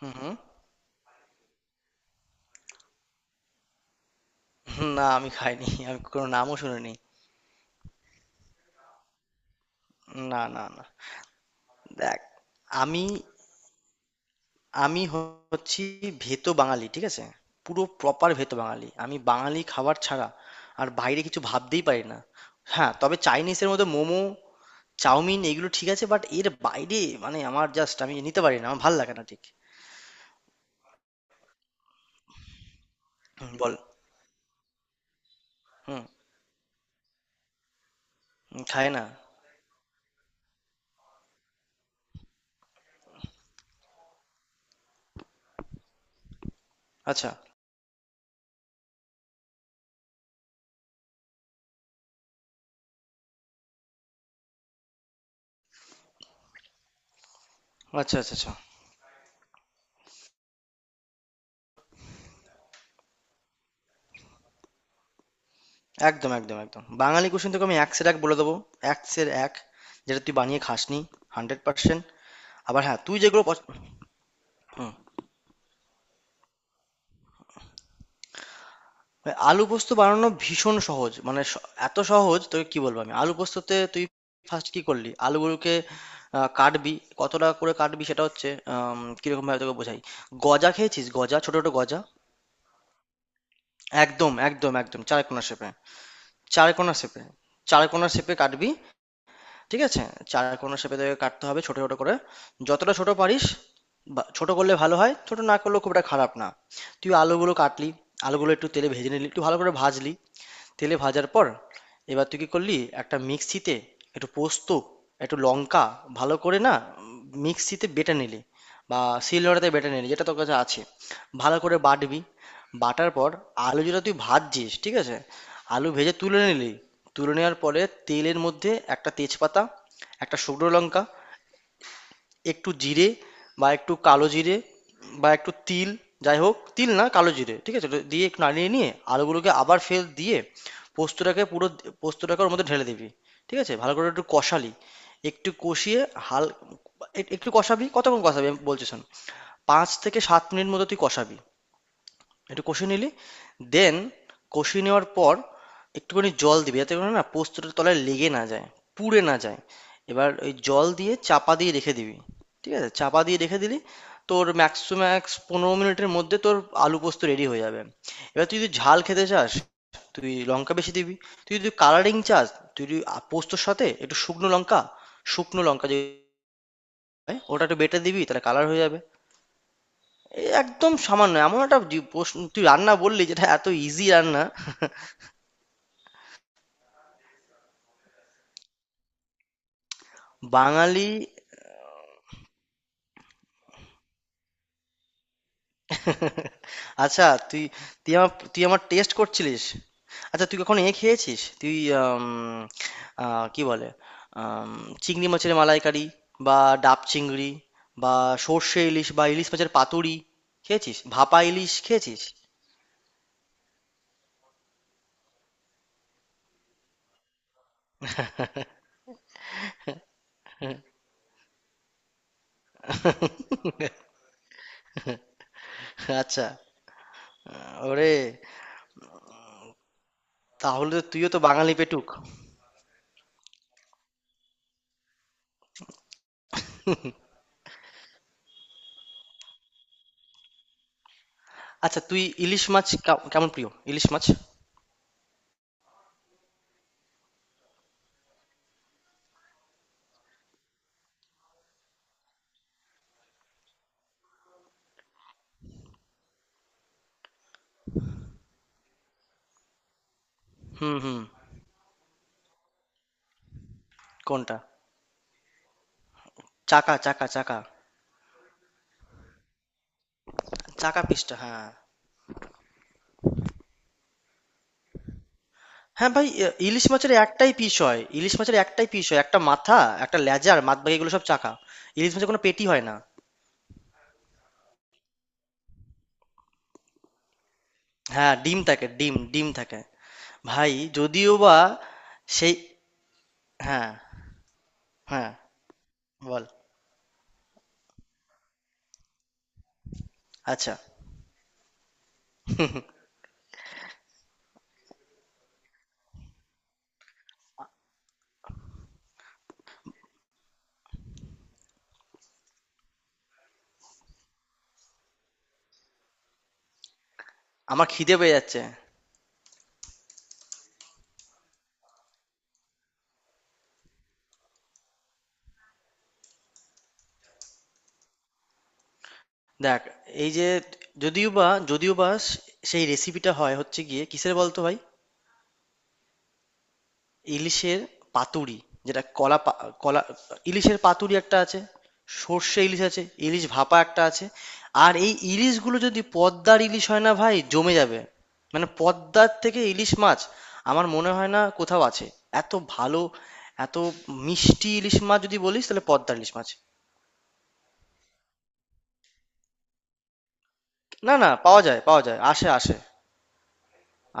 হুম, হুম। না আমি খাইনি। আমি কোনো নামও শুনিনি। না, না, না। দেখ আমি আমি হচ্ছি ভেতো বাঙালি, ঠিক আছে? পুরো প্রপার ভেতো বাঙালি। আমি বাঙালি খাবার ছাড়া আর বাইরে কিছু ভাবতেই পারি না। হ্যাঁ, তবে চাইনিজের মধ্যে মোমো, চাউমিন এগুলো ঠিক আছে বাট এর বাইরে মানে আমার জাস্ট আমি নিতে পারি না। আমার ভাল লাগে না ঠিক। হুম, বল। হুম, হুম, খায় না। আচ্ছা, আচ্ছা, আচ্ছা, আচ্ছা। একদম একদম একদম বাঙালি কুসিন তোকে আমি একসের এক বলে দেবো, একসের এক যেটা তুই বানিয়ে খাসনি হান্ড্রেড পার্সেন্ট। আবার হ্যাঁ তুই যেগুলো হুম। আলু পোস্ত বানানো ভীষণ সহজ, মানে এত সহজ তোকে কি বলবো আমি। আলু পোস্ততে তুই ফার্স্ট কি করলি আলুগুলোকে কাটবি। কতটা করে কাটবি সেটা হচ্ছে, কিরকম ভাবে তোকে বোঝাই। গজা খেয়েছিস, গজা, ছোট ছোট গজা। একদম একদম একদম চার কোনা শেপে, চার কোনা শেপে। চার কোনা শেপে কাটবি, ঠিক আছে। চার কোনা শেপে তোকে কাটতে হবে ছোট ছোট করে, যতটা ছোট পারিস। ছোট করলে ভালো হয়, ছোট না করলেও খুব একটা খারাপ না। তুই আলুগুলো কাটলি, আলুগুলো একটু তেলে ভেজে নিলি, একটু ভালো করে ভাজলি। তেলে ভাজার পর এবার তুই কি করলি, একটা মিক্সিতে একটু পোস্ত, একটু লঙ্কা, ভালো করে না মিক্সিতে বেটে নিলি, বা শিলনোড়াতে বেটে নিলি যেটা তোর কাছে আছে। ভালো করে বাটবি। বাটার পর আলু যেটা তুই ভাজছিস, ঠিক আছে, আলু ভেজে তুলে নিলি। তুলে নেওয়ার পরে তেলের মধ্যে একটা তেজপাতা, একটা শুকনো লঙ্কা, একটু জিরে, বা একটু কালো জিরে, বা একটু তিল, যাই হোক তিল না কালো জিরে, ঠিক আছে, ওটা দিয়ে একটু নাড়িয়ে নিয়ে আলুগুলোকে আবার ফের দিয়ে পোস্তটাকে পুরো, পোস্তটাকে ওর মধ্যে ঢেলে দিবি। ঠিক আছে ভালো করে একটু কষালি, একটু কষিয়ে হাল একটু কষাবি। কতক্ষণ কষাবি আমি বলছি শোন, 5 থেকে 7 মিনিট মতো তুই কষাবি। একটু কষিয়ে নিলি, দেন কষিয়ে নেওয়ার পর একটুখানি জল দিবি যাতে করে না পোস্তটা তলায় লেগে না যায়, পুড়ে না যায়। এবার ওই জল দিয়ে চাপা দিয়ে রেখে দিবি। ঠিক আছে চাপা দিয়ে রেখে দিলি, তোর ম্যাক্স টু ম্যাক্স 15 মিনিটের মধ্যে তোর আলু পোস্ত রেডি হয়ে যাবে। এবার তুই যদি ঝাল খেতে চাস, তুই লঙ্কা বেশি দিবি। তুই যদি কালারিং চাস, তুই যদি পোস্তর সাথে একটু শুকনো লঙ্কা, শুকনো লঙ্কা যে হয়, ওটা একটু বেটে দিবি তাহলে কালার হয়ে যাবে। এই একদম সামান্য এমন একটা প্রশ্ন তুই রান্না বললি, যেটা এত ইজি রান্না। বাঙালি। আচ্ছা, তুই তুই আমার তুই আমার টেস্ট করছিলিস? আচ্ছা তুই কখনো এ খেয়েছিস তুই, আম, কি বলে, আম, চিংড়ি মাছের মালাইকারি, বা ডাব চিংড়ি, বা সর্ষে ইলিশ, বা ইলিশ মাছের পাতুরি খেয়েছিস, ভাপা ইলিশ খেয়েছিস? আচ্ছা। ওরে, তাহলে তো তুইও তো বাঙালি পেটুক। আচ্ছা তুই ইলিশ মাছ কেমন প্রিয় ইলিশ মাছ? হুম হুম। কোনটা? চাকা, চাকা, চাকা। চাকা পিসটা হ্যাঁ। হ্যাঁ ভাই, এ ইলিশ মাছের একটাই পিস হয়। ইলিশ মাছের একটাই পিস হয়। একটা মাথা, একটা লেজা আর বাদবাকি এগুলো সব চাকা। ইলিশ মাছের কোনো পেটি হয় না। হ্যাঁ, ডিম থাকে, ডিম, ডিম থাকে। ভাই, যদিও বা সেই। হ্যাঁ, হ্যাঁ, বল। আচ্ছা, আমার খিদে পেয়ে যাচ্ছে। দেখ, এই যে, যদিও বা সেই রেসিপিটা হচ্ছে গিয়ে কিসের বলতো ভাই? ইলিশের পাতুরি, যেটা কলা। ইলিশের পাতুরি একটা আছে, সর্ষে ইলিশ আছে, ইলিশ ভাপা একটা আছে। আর এই ইলিশগুলো যদি পদ্মার ইলিশ হয় না ভাই, জমে যাবে। মানে পদ্মার থেকে ইলিশ মাছ আমার মনে হয় না কোথাও আছে এত ভালো, এত মিষ্টি। ইলিশ মাছ যদি বলিস তাহলে পদ্মার ইলিশ মাছ। না না, পাওয়া যায়, পাওয়া যায়, আসে আসে,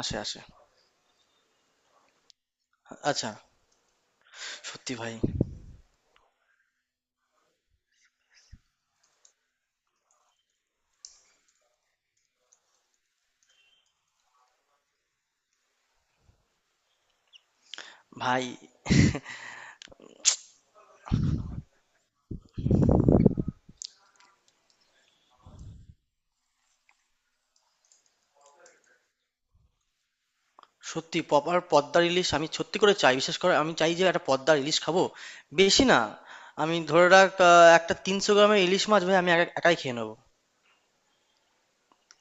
আসে আসে। আচ্ছা। সত্যি ভাই। ভাই সত্যি প্রপার পদ্মা ইলিশ আমি সত্যি করে চাই, বিশেষ করে আমি চাই যে একটা পদ্মা ইলিশ খাবো। বেশি না, আমি ধরে রাখ একটা 300 গ্রামের ইলিশ মাছ ভাই আমি একাই খেয়ে নেবো।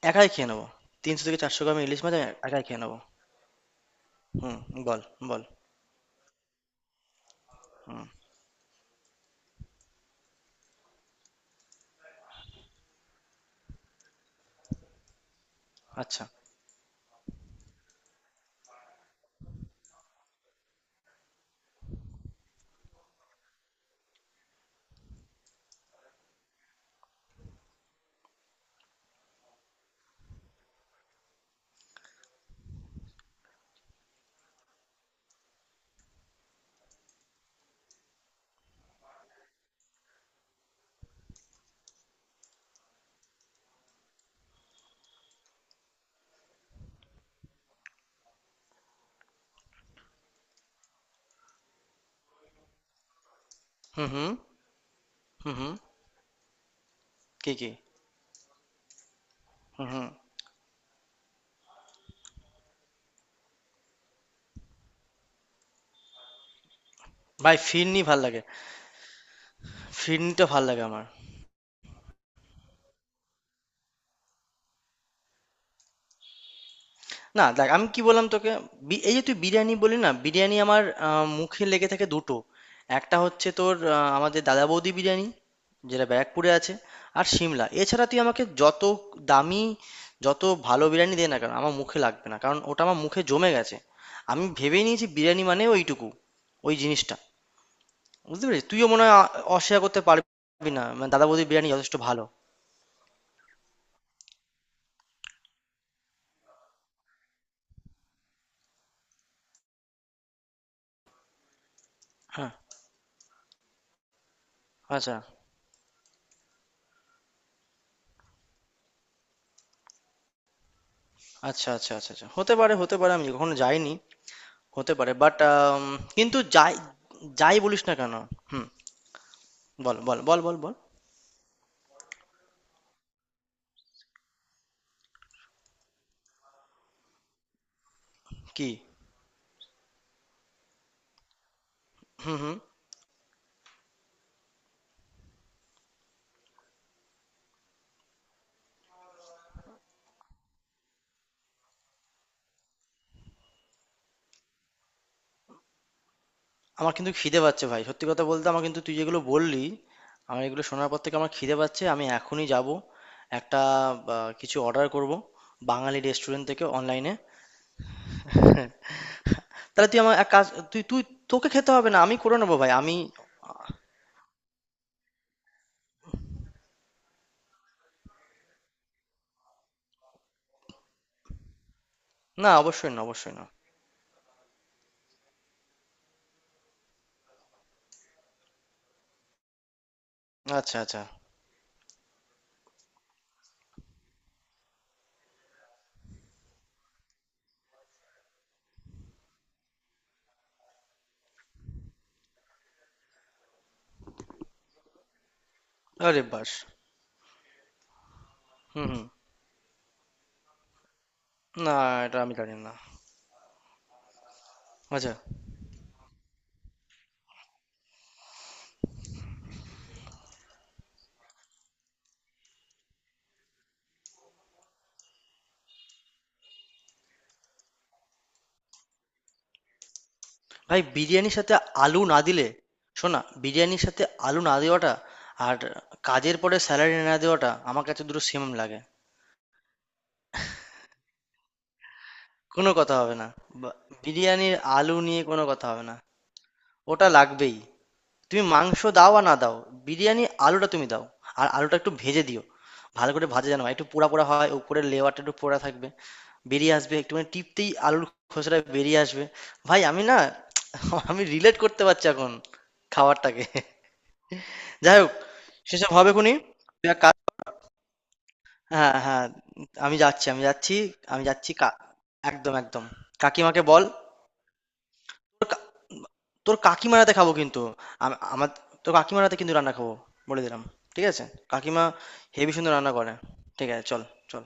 একাই খেয়ে নেবো। 300 থেকে 400 গ্রামের ইলিশ মাছ আমি একাই খেয়ে নেবো। হুম, বল, বল। হুম। আচ্ছা। হুম হুম। হুম হুম। কি কি? হুম হুম। ভাই ফিরনি ভাল লাগে। ফিরনিটা ভাল লাগে আমার। না দেখ আমি কি বললাম তোকে, এই যে তুই বিরিয়ানি বলি না, বিরিয়ানি আমার মুখে লেগে থাকে দুটো। একটা হচ্ছে তোর আমাদের দাদা বৌদি বিরিয়ানি, যেটা ব্যারাকপুরে আছে আর সিমলা। এছাড়া তুই আমাকে যত দামি, যত ভালো বিরিয়ানি দে না কেন আমার মুখে লাগবে না, কারণ ওটা আমার মুখে জমে গেছে। আমি ভেবে নিয়েছি বিরিয়ানি মানে ওইটুকু, ওই জিনিসটা। বুঝতে পেরেছিস, তুইও মনে হয় অস্বীকার করতে পারবি না, মানে দাদা বৌদির বিরিয়ানি যথেষ্ট ভালো। হ্যাঁ। আচ্ছা আচ্ছা আচ্ছা আচ্ছা আচ্ছা, হতে পারে, হতে পারে, আমি কখনো যাইনি, হতে পারে বাট, কিন্তু যাই, যাই বলিস না কেন। হুম, বল বল বল বল বল। কি? হুম হুম। আমার কিন্তু খিদে পাচ্ছে ভাই, সত্যি কথা বলতে আমার কিন্তু তুই যেগুলো বললি, আমার এগুলো শোনার পর থেকে আমার খিদে পাচ্ছে, আমি এখনই যাব একটা কিছু অর্ডার করব বাঙালি রেস্টুরেন্ট থেকে অনলাইনে। তাহলে তুই আমার এক কাজ, তুই তুই তোকে খেতে হবে না, আমি করে নেবো ভাই, আমি। না, অবশ্যই না, অবশ্যই না। আচ্ছা আচ্ছা। আরে বাস। হুম হুম। না এটা আমি জানি না। আচ্ছা। ভাই বিরিয়ানির সাথে আলু না দিলে, শোনা বিরিয়ানির সাথে আলু না দেওয়াটা আর কাজের পরে স্যালারি না দেওয়াটা আমার কাছে দুটো সেম লাগে। কোনো কথা হবে না, বা- বিরিয়ানির আলু নিয়ে কোনো কথা হবে না। ওটা লাগবেই। তুমি মাংস দাও আর না দাও, বিরিয়ানির আলুটা তুমি দাও। আর আলুটা একটু ভেজে দিও, ভালো করে ভাজা যেন হয়, একটু পোড়া পোড়া হয়, উপরে লেয়ারটা একটু পোড়া থাকবে, বেরিয়ে আসবে একটুখানি টিপতেই আলুর খোসাটা বেরিয়ে আসবে। ভাই আমি না আমি রিলেট করতে পারছি এখন খাবারটাকে। যাই হোক, সেসব হবে খুনি, তুই এক কাজ। হ্যাঁ হ্যাঁ, আমি যাচ্ছি, আমি যাচ্ছি, আমি যাচ্ছি একদম একদম, কাকিমাকে বল। তোর তোর কাকিমারাতে খাবো কিন্তু, আমার, তোর কাকিমারাতে কিন্তু রান্না খাবো, বলে দিলাম। ঠিক আছে, কাকিমা হেভি সুন্দর রান্না করে। ঠিক আছে, চল, চল।